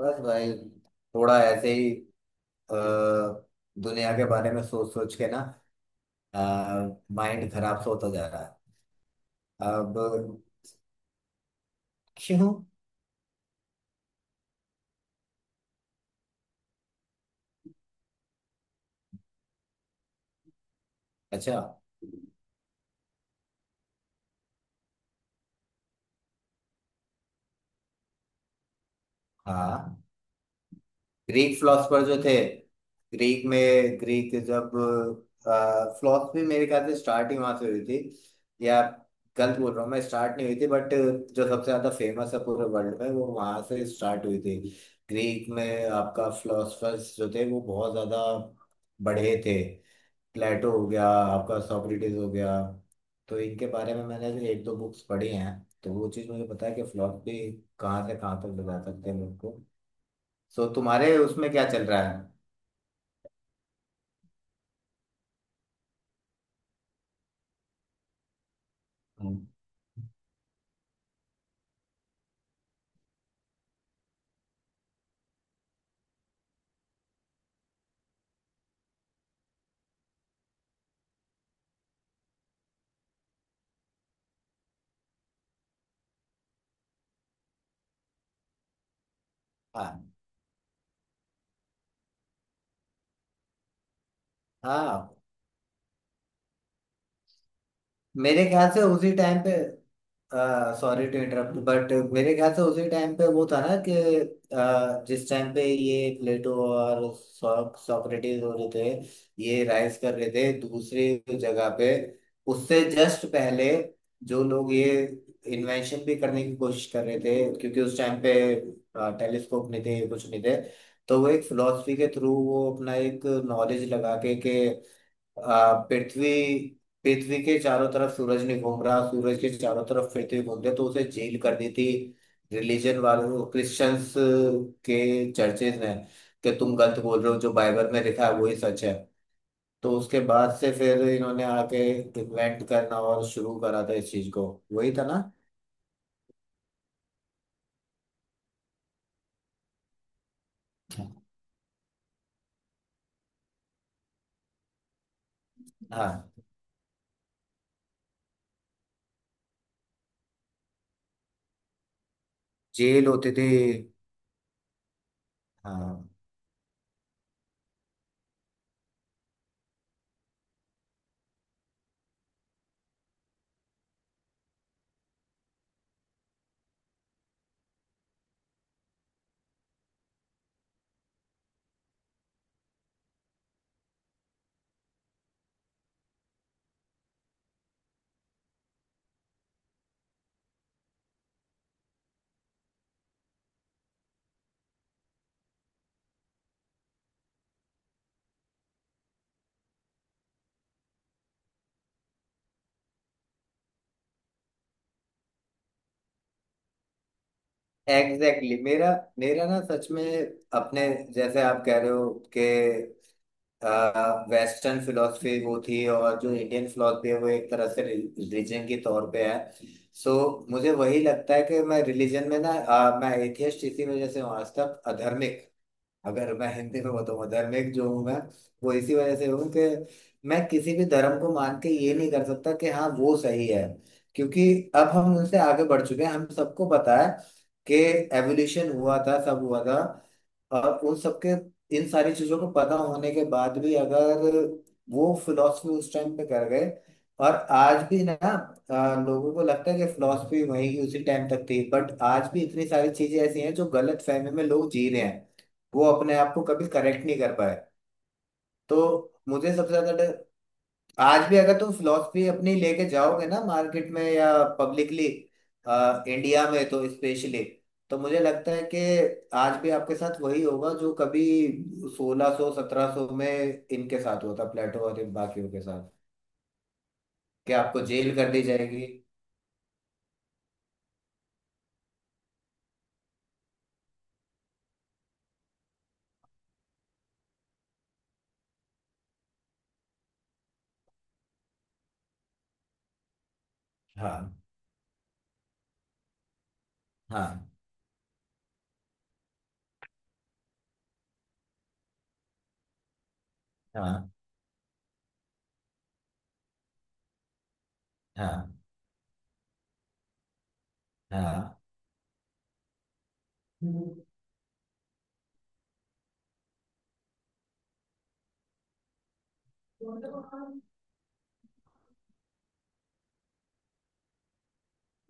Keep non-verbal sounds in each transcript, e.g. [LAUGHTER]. बस भाई थोड़ा ऐसे ही अ, दुनिया के बारे में सोच सोच के ना माइंड खराब सा होता जा रहा है। अब क्यों। अच्छा। हाँ, ग्रीक फिलोसफर जो थे। ग्रीक में ग्रीक जब फिलोसफी मेरे ख्याल से स्टार्ट ही वहां से हुई थी। या गलत बोल रहा हूँ, मैं स्टार्ट नहीं हुई थी, बट जो सबसे ज्यादा फेमस है पूरे वर्ल्ड में वो वहां से स्टार्ट हुई थी। ग्रीक में आपका फिलोसफर्स जो थे वो बहुत ज्यादा बढ़े थे। प्लेटो हो गया आपका, सोक्रेटिस हो गया। तो इनके बारे में मैंने भी एक दो बुक्स पढ़ी हैं। तो वो चीज़ मुझे पता है कि फिलोसफी कहाँ से कहाँ तक ले जा सकते हैं लोग को। सो तुम्हारे उसमें क्या चल रहा है। हम्म। हाँ। हाँ। मेरे ख्याल से उसी टाइम पे, सॉरी टू इंटरप्ट, बट मेरे ख्याल से उसी टाइम पे वो था ना कि जिस टाइम पे ये प्लेटो और सोक्रेटिस हो रहे थे, ये राइज कर रहे थे, दूसरी जगह पे उससे जस्ट पहले जो लोग ये इन्वेंशन भी करने की कोशिश कर रहे थे, क्योंकि उस टाइम पे टेलीस्कोप नहीं थे, कुछ नहीं थे। तो वो एक फिलोसफी के थ्रू, वो अपना एक नॉलेज लगा के, पृथ्वी पृथ्वी के चारों तरफ सूरज नहीं घूम रहा, सूरज के चारों तरफ पृथ्वी घूमते, तो उसे जेल कर दी थी रिलीजन वालों, क्रिश्चियंस के चर्चेज ने, कि तुम गलत बोल रहे हो, जो बाइबल में लिखा है वही सच है। तो उसके बाद से फिर इन्होंने आके इन्वेंट करना और शुरू करा था इस चीज को। वही था ना। हाँ, जेल होती थी। हाँ। Exactly exactly. मेरा मेरा ना सच में अपने, जैसे आप कह रहे हो कि वेस्टर्न फिलोसफी वो थी, और जो इंडियन फिलोसफी है वो एक तरह से रिलीजन के तौर पे है। सो मुझे वही लगता है कि मैं रिलीजन में ना, मैं एथियस्ट इसी वजह से हूँ आज तक। अधर्मिक, अगर मैं हिंदी में बताऊँ, धार्मिक जो हूँ मैं, वो इसी वजह से हूँ कि मैं किसी भी धर्म को मान के ये नहीं कर सकता कि हाँ वो सही है। क्योंकि अब हम उनसे आगे बढ़ चुके हैं, हम सबको पता है कि एवोल्यूशन हुआ था, सब हुआ था। और उन सबके, इन सारी चीजों को पता होने के बाद भी, अगर वो फिलॉसफी उस टाइम पे कर गए, और आज भी ना, लोगों को लगता है कि फिलॉसफी वही की उसी टाइम तक थी, बट आज भी इतनी सारी चीजें ऐसी हैं जो गलत फहमी में लोग जी रहे हैं। वो अपने आप को कभी करेक्ट नहीं कर पाए। तो मुझे सबसे ज्यादा डर, आज भी अगर तुम फिलोसफी अपनी लेके जाओगे ना मार्केट में या पब्लिकली, इंडिया में तो स्पेशली, तो मुझे लगता है कि आज भी आपके साथ वही होगा जो कभी 1600 1700 में इनके साथ हुआ था, प्लेटो और इन बाकियों के साथ, कि आपको जेल कर दी जाएगी। हाँ, हाँ, हाँ, हाँ, हाँ।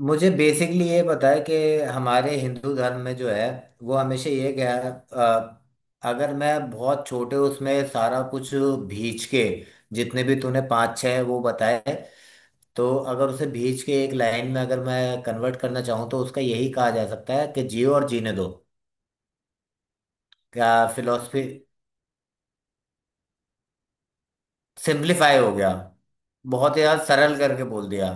मुझे बेसिकली ये पता है कि हमारे हिंदू धर्म में जो है वो हमेशा ये गया, अगर मैं बहुत छोटे उसमें सारा कुछ भींच के, जितने भी तूने पाँच छः वो बताए, तो अगर उसे भींच के एक लाइन में अगर मैं कन्वर्ट करना चाहूँ तो उसका यही कहा जा सकता है कि जियो और जीने दो। क्या फिलोसफी। सिंप्लीफाई हो गया। बहुत ही ज्यादा सरल करके बोल दिया।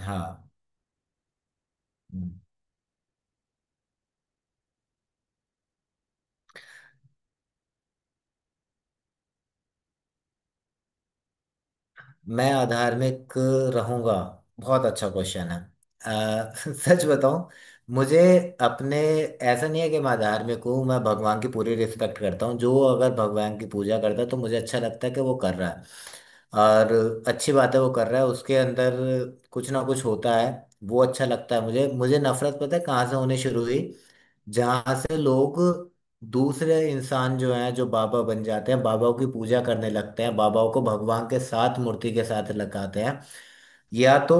हाँ। मैं आधार्मिक रहूंगा। बहुत अच्छा क्वेश्चन है। [LAUGHS] सच बताऊं, मुझे अपने, ऐसा नहीं है कि मैं आधार्मिक हूँ। मैं भगवान की पूरी रिस्पेक्ट करता हूँ, जो अगर भगवान की पूजा करता है तो मुझे अच्छा लगता है कि वो कर रहा है। और अच्छी बात है वो कर रहा है, उसके अंदर कुछ ना कुछ होता है, वो अच्छा लगता है मुझे। मुझे नफरत पता है कहाँ से होनी शुरू हुई। जहां से लोग, दूसरे इंसान जो हैं, जो बाबा बन जाते हैं, बाबाओं की पूजा करने लगते हैं, बाबाओं को भगवान के साथ, मूर्ति के साथ लगाते हैं, या तो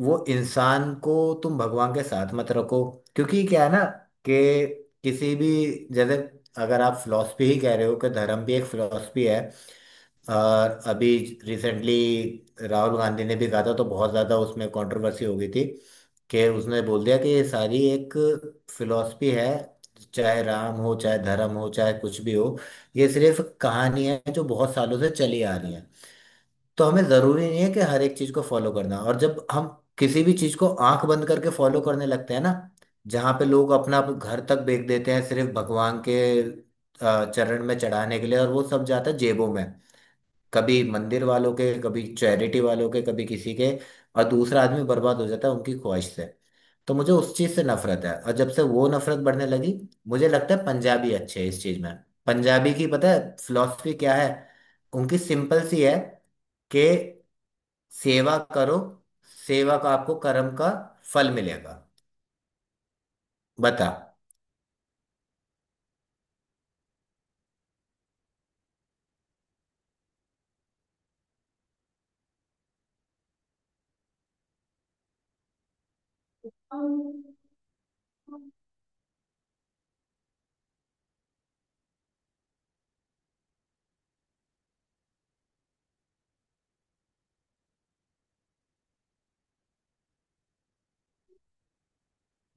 वो इंसान को तुम भगवान के साथ मत रखो। क्योंकि क्या है ना कि किसी भी, जैसे, अगर आप फिलॉसफी ही कह रहे हो कि धर्म भी एक फिलॉसफी है, और अभी रिसेंटली राहुल गांधी ने भी कहा था तो बहुत ज़्यादा उसमें कंट्रोवर्सी हो गई थी, कि उसने बोल दिया कि ये सारी एक फिलॉसफी है, चाहे राम हो, चाहे धर्म हो, चाहे कुछ भी हो, ये सिर्फ कहानी है जो बहुत सालों से चली आ रही है। तो हमें जरूरी नहीं है कि हर एक चीज को फॉलो करना, और जब हम किसी भी चीज को आंख बंद करके फॉलो करने लगते हैं ना, जहाँ पे लोग अपना घर तक बेच देते हैं सिर्फ भगवान के चरण में चढ़ाने के लिए, और वो सब जाता है जेबों में, कभी मंदिर वालों के, कभी चैरिटी वालों के, कभी किसी के, और दूसरा आदमी बर्बाद हो जाता है उनकी ख्वाहिश से। तो मुझे उस चीज़ से नफरत है। और जब से वो नफरत बढ़ने लगी, मुझे लगता है पंजाबी अच्छे हैं इस चीज़ में। पंजाबी की पता है फिलॉसफी क्या है, उनकी सिंपल सी है, कि सेवा करो, सेवा का, आपको कर्म का फल मिलेगा। बता।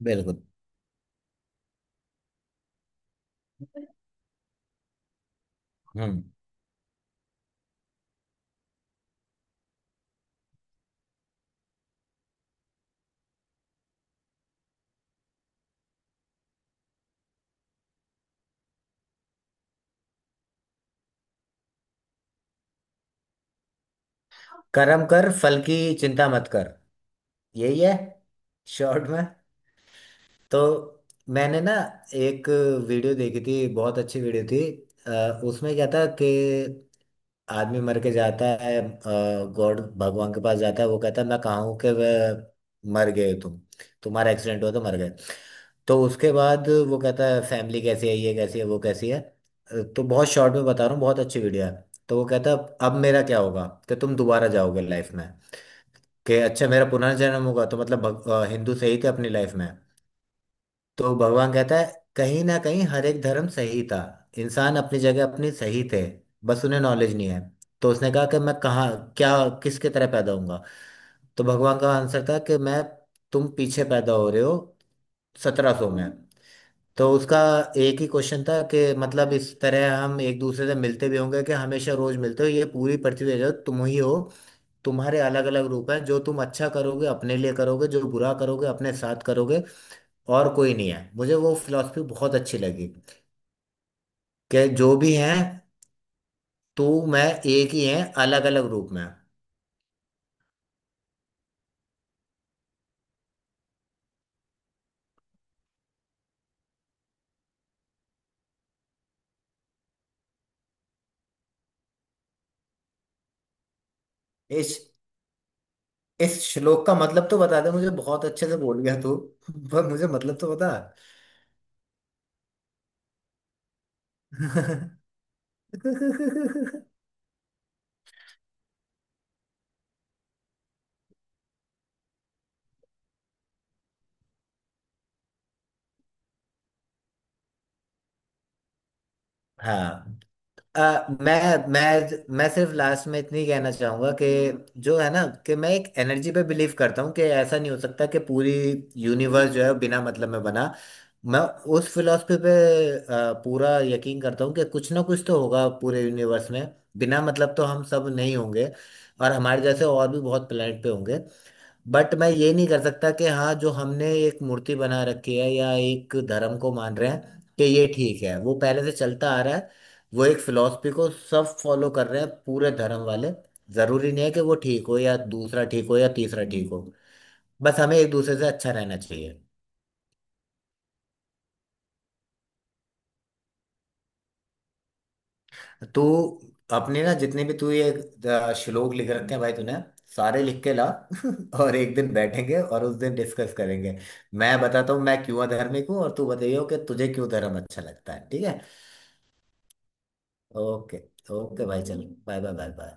बिल्कुल। हम्म। कर्म कर, फल की चिंता मत कर। यही है। शॉर्ट में। तो मैंने ना एक वीडियो देखी थी, बहुत अच्छी वीडियो थी। उसमें क्या था कि आदमी मर के जाता है, गॉड, भगवान के पास जाता है, वो कहता है मैं कहाँ हूँ, कि वह मर गए तुम, तुम्हारा एक्सीडेंट हुआ तो मर गए। तो उसके बाद वो कहता है, फैमिली कैसी है, ये कैसी है, वो कैसी है। तो बहुत शॉर्ट में बता रहा हूँ, बहुत अच्छी वीडियो है। तो वो कहता है अब मेरा क्या होगा, कि तुम दोबारा जाओगे लाइफ में। कि अच्छा, मेरा पुनर्जन्म होगा, तो मतलब हिंदू सही थे अपनी लाइफ में। तो भगवान कहता है, कहीं ना कहीं हर एक धर्म सही था, इंसान अपनी जगह अपनी सही थे, बस उन्हें नॉलेज नहीं है। तो उसने कहा कि मैं कहाँ, क्या, किसके तरह पैदा होऊंगा। तो भगवान का आंसर था कि मैं, तुम पीछे पैदा हो रहे हो 1700 में। तो उसका एक ही क्वेश्चन था कि मतलब इस तरह हम एक दूसरे से मिलते भी होंगे, कि हमेशा रोज मिलते हो, ये पूरी पृथ्वी है जो तुम ही हो, तुम्हारे अलग अलग रूप हैं, जो तुम अच्छा करोगे अपने लिए करोगे, जो बुरा करोगे अपने साथ करोगे, और कोई नहीं है। मुझे वो फिलॉसफी बहुत अच्छी लगी, कि जो भी है, तू, मैं, एक ही है अलग अलग रूप में। इस इस श्लोक का मतलब तो बता दे, मुझे बहुत अच्छे से बोल गया तू। [LAUGHS] पर मुझे मतलब तो बता। [LAUGHS] हाँ। अ, मैं सिर्फ लास्ट में इतनी कहना चाहूंगा कि, जो है ना, कि मैं एक एनर्जी पे बिलीव करता हूँ, कि ऐसा नहीं हो सकता कि पूरी यूनिवर्स जो है बिना मतलब में बना। मैं उस फिलॉसफी पे पूरा यकीन करता हूँ कि कुछ ना कुछ तो होगा पूरे यूनिवर्स में, बिना मतलब तो हम सब नहीं होंगे, और हमारे जैसे और भी बहुत प्लेनेट पे होंगे। बट मैं ये नहीं कर सकता कि हाँ, जो हमने एक मूर्ति बना रखी है या एक धर्म को मान रहे हैं कि ये ठीक है, वो पहले से चलता आ रहा है, वो एक फिलॉसफी को सब फॉलो कर रहे हैं पूरे धर्म वाले। जरूरी नहीं है कि वो ठीक हो या दूसरा ठीक हो या तीसरा ठीक हो, बस हमें एक दूसरे से अच्छा रहना चाहिए। तो अपने ना जितने भी तू ये श्लोक लिख रखे हैं भाई तूने, सारे लिख के ला। [LAUGHS] और एक दिन बैठेंगे और उस दिन डिस्कस करेंगे, मैं बताता हूँ मैं क्यों अधर्मिक हूँ, और तू बताइयो कि तुझे क्यों धर्म अच्छा लगता है, ठीक है। ओके। ओके भाई, चलो बाय बाय बाय बाय।